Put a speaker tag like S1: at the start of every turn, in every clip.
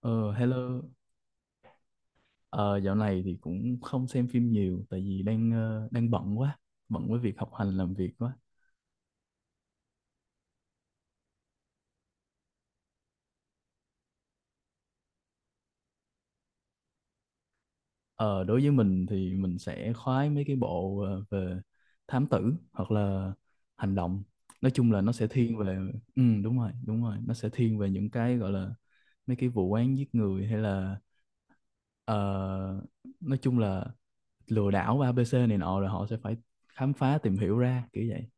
S1: Ờ, Hello. Ờ, Dạo này thì cũng không xem phim nhiều tại vì đang đang bận quá, bận với việc học hành làm việc quá. Ờ, Đối với mình thì mình sẽ khoái mấy cái bộ về thám tử hoặc là hành động. Nói chung là nó sẽ thiên về, ừ, đúng rồi, nó sẽ thiên về những cái gọi là mấy cái vụ án giết người hay là ờ, nói chung là lừa đảo ABC này nọ rồi họ sẽ phải khám phá tìm hiểu ra kiểu vậy.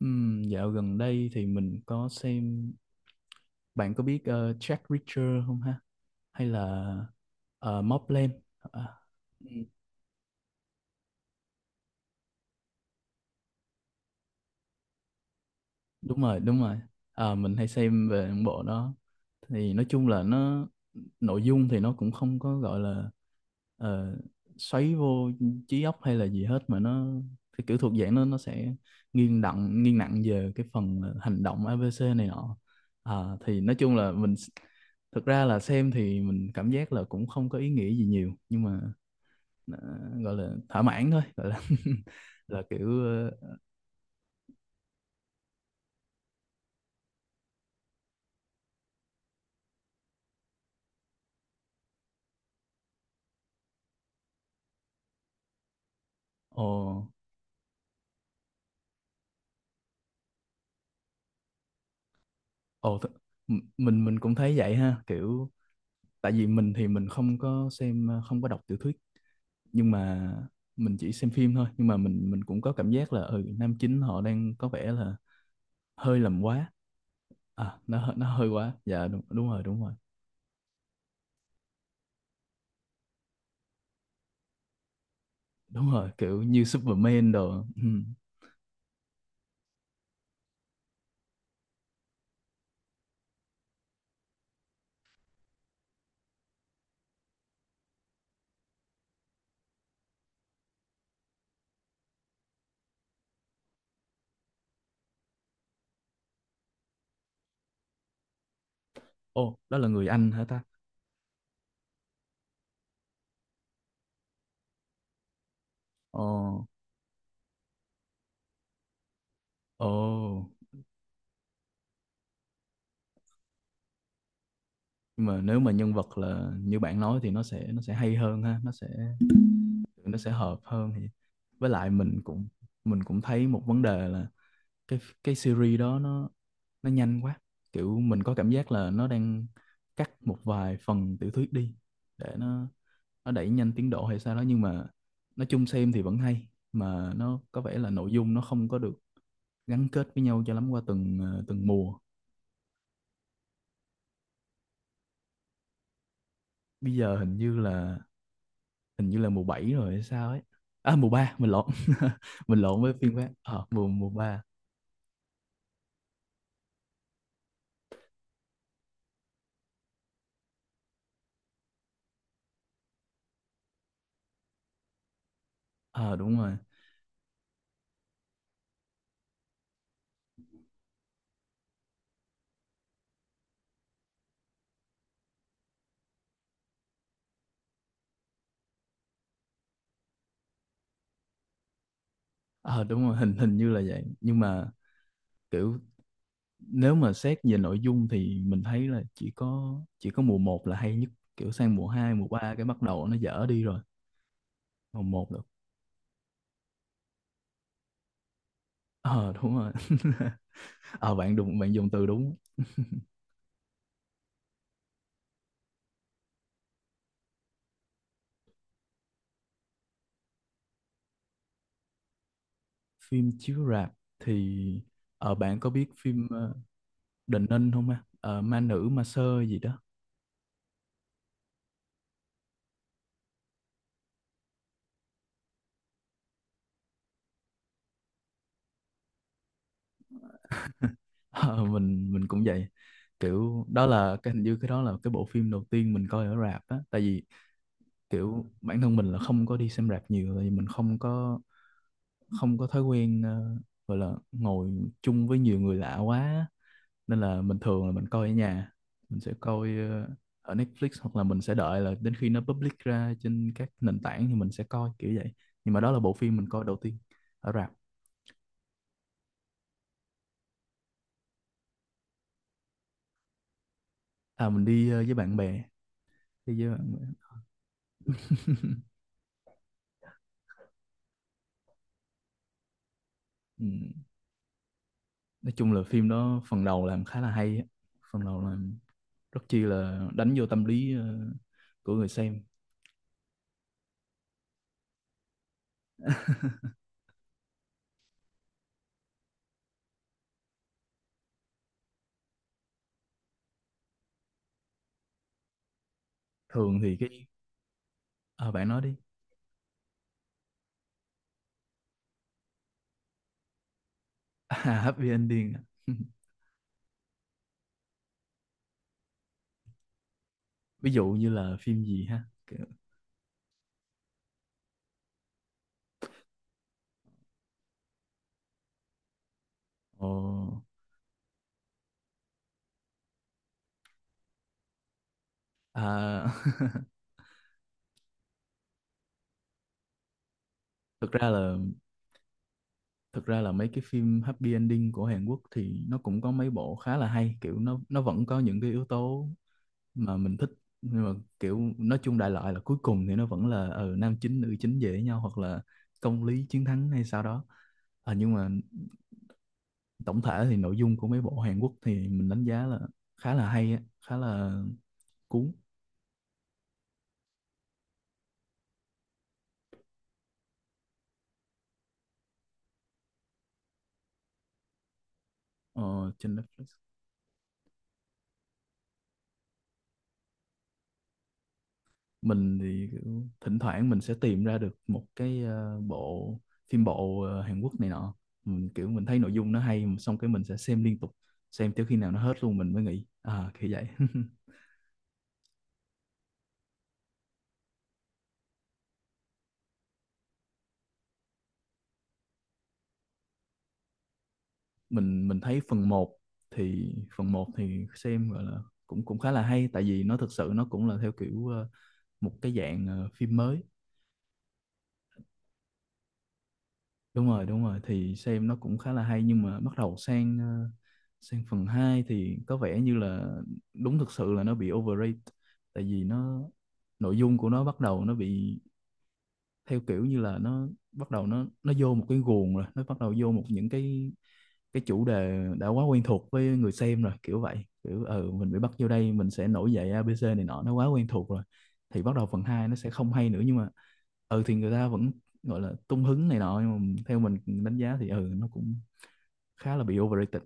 S1: Dạo gần đây thì mình có xem. Bạn có biết Jack Reacher không ha? Hay là Mobland? À. Ừ. Đúng rồi, đúng rồi. Mình hay xem về những bộ đó. Thì nói chung là nó, nội dung thì nó cũng không có gọi là ờ, xoáy vô trí óc hay là gì hết mà nó cái kiểu thuộc dạng nó sẽ nghiêng nặng về cái phần là hành động ABC này nọ. Thì nói chung là thực ra là xem thì mình cảm giác là cũng không có ý nghĩa gì nhiều nhưng mà nó gọi là thỏa mãn thôi, gọi là là kiểu ờ, Ồ, ồ, mình cũng thấy vậy ha, kiểu tại vì mình thì mình không có xem không có đọc tiểu thuyết nhưng mà mình chỉ xem phim thôi, nhưng mà mình cũng có cảm giác là ừ, nam chính họ đang có vẻ là hơi làm quá. À, nó hơi quá. Dạ, đúng, đúng rồi, đúng rồi. Đúng rồi, kiểu như Superman đồ, ừ. Ồ, đó là người Anh hả ta? Ồ. Ồ, nhưng mà nếu mà nhân vật là như bạn nói thì nó sẽ hay hơn ha, nó sẽ hợp hơn thì với lại mình cũng thấy một vấn đề là cái cái series đó nó nhanh quá, kiểu mình có cảm giác là nó đang cắt một vài phần tiểu thuyết đi để nó đẩy nhanh tiến độ hay sao đó, nhưng mà nói chung xem thì vẫn hay mà nó có vẻ là nội dung nó không có được gắn kết với nhau cho lắm qua từng từng mùa. Bây giờ hình như là mùa 7 rồi hay sao ấy. À, mùa ba, mình lộn mình lộn với phim khác, mùa mùa ba. Ờ Đúng rồi, ờ đúng rồi, hình hình như là vậy, nhưng mà kiểu nếu mà xét về nội dung thì mình thấy là chỉ có mùa một là hay nhất, kiểu sang mùa 2 mùa 3 cái bắt đầu nó dở đi rồi. Mùa một được, ờ đúng rồi ờ Bạn đúng, bạn dùng từ đúng. Phim chiếu rạp thì bạn có biết phim uh, Đình Ninh không ha? Ờ, ma nữ ma sơ gì đó. Ờ, mình cũng vậy, kiểu đó là cái, hình như cái đó là cái bộ phim đầu tiên mình coi ở rạp á, tại vì kiểu bản thân mình là không có đi xem rạp nhiều tại vì mình không có thói quen gọi là ngồi chung với nhiều người lạ quá á. Nên là mình thường là mình coi ở nhà, mình sẽ coi ở Netflix hoặc là mình sẽ đợi là đến khi nó public ra trên các nền tảng thì mình sẽ coi kiểu vậy, nhưng mà đó là bộ phim mình coi đầu tiên ở rạp. À, mình đi với bạn bè, đi với bạn bè, ừ. Nói chung là phim đó phần đầu làm khá là hay á. Phần đầu làm rất chi là đánh vô tâm lý của người xem. Thường thì cái, à, bạn nói đi à, happy ending à ví dụ như là phim gì ha? Ồ, à, thực ra là Thực ra là mấy cái phim happy ending của Hàn Quốc thì nó cũng có mấy bộ khá là hay, kiểu nó vẫn có những cái yếu tố mà mình thích, nhưng mà kiểu nói chung đại loại là cuối cùng thì nó vẫn là ừ, nam chính nữ chính về với nhau hoặc là công lý chiến thắng hay sao đó. À, nhưng mà tổng thể thì nội dung của mấy bộ Hàn Quốc thì mình đánh giá là khá là hay á, khá là cuốn. Ờ, Trên Netflix. Mình thì kiểu thỉnh thoảng mình sẽ tìm ra được một cái bộ phim bộ Hàn Quốc này nọ, mình kiểu mình thấy nội dung nó hay, xong cái mình sẽ xem liên tục, xem tới khi nào nó hết luôn mình mới nghỉ à, kiểu vậy Mình thấy phần một thì xem gọi là cũng cũng khá là hay tại vì nó thực sự nó cũng là theo kiểu một cái dạng phim mới. Đúng rồi, đúng rồi, thì xem nó cũng khá là hay, nhưng mà bắt đầu sang sang phần 2 thì có vẻ như là đúng, thực sự là nó bị overrated, tại vì nó, nội dung của nó bắt đầu nó bị theo kiểu như là nó bắt đầu nó vô một cái guồng rồi, nó bắt đầu vô một những cái chủ đề đã quá quen thuộc với người xem rồi kiểu vậy. Kiểu, ừ, mình bị bắt vô đây mình sẽ nổi dậy ABC này nọ, nó quá quen thuộc rồi, thì bắt đầu phần 2 nó sẽ không hay nữa, nhưng mà ừ thì người ta vẫn gọi là tung hứng này nọ, nhưng mà theo mình đánh giá thì ừ nó cũng khá là bị overrated.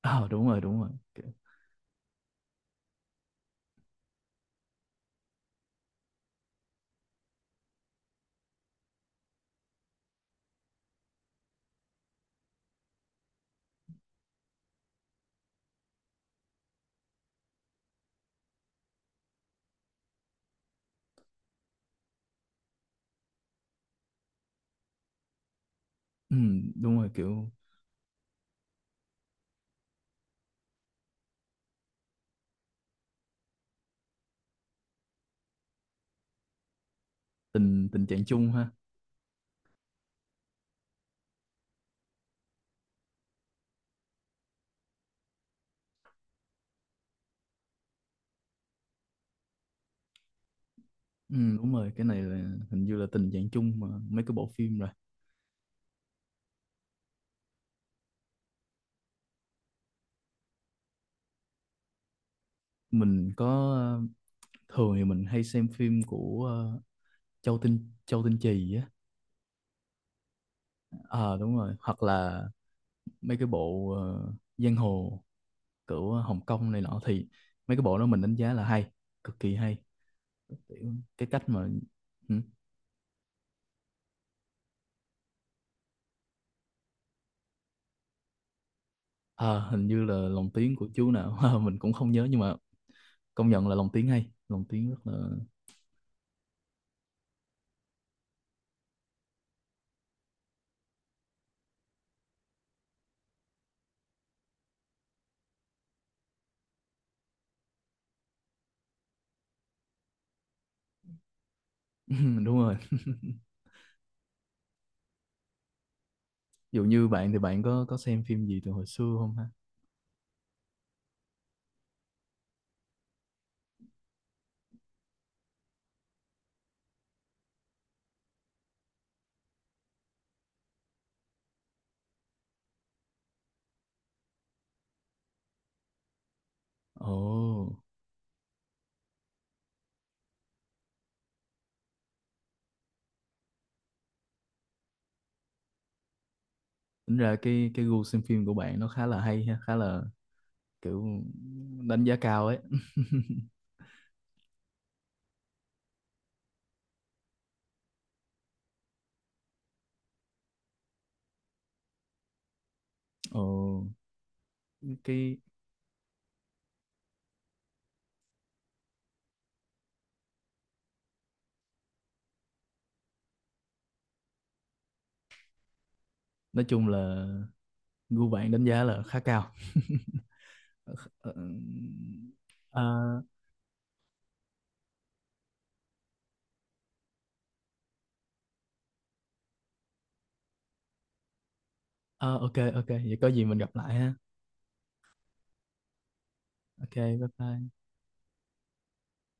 S1: Ờ Đúng rồi, đúng rồi, kiểu, ừ, đúng rồi, kiểu tình tình trạng chung ha. Ừ, đúng rồi, cái này là hình như là tình trạng chung mà mấy cái bộ phim rồi. Mình có, ờ, thường thì mình hay xem phim của Châu Tinh Trì á. Ờ Đúng rồi, hoặc là mấy cái bộ giang hồ của Hồng Kông này nọ thì mấy cái bộ đó mình đánh giá là hay, cực kỳ hay. Kiểu cái cách mà, ừ. Ờ, Hình như là lồng tiếng của chú nào Mình cũng không nhớ nhưng mà công nhận là lồng tiếng hay, lồng tiếng rất là đúng rồi Dù như bạn thì bạn có xem phim gì từ hồi xưa không ha? Ồ, tính ra cái gu xem phim của bạn nó khá là hay ha, khá là kiểu đánh giá cao ấy. Ồ, cái, nói chung là gu bạn đánh giá là khá cao Ờ, ờ, ờ, ok ok vậy có gì mình gặp lại ha. Ok, bye bye.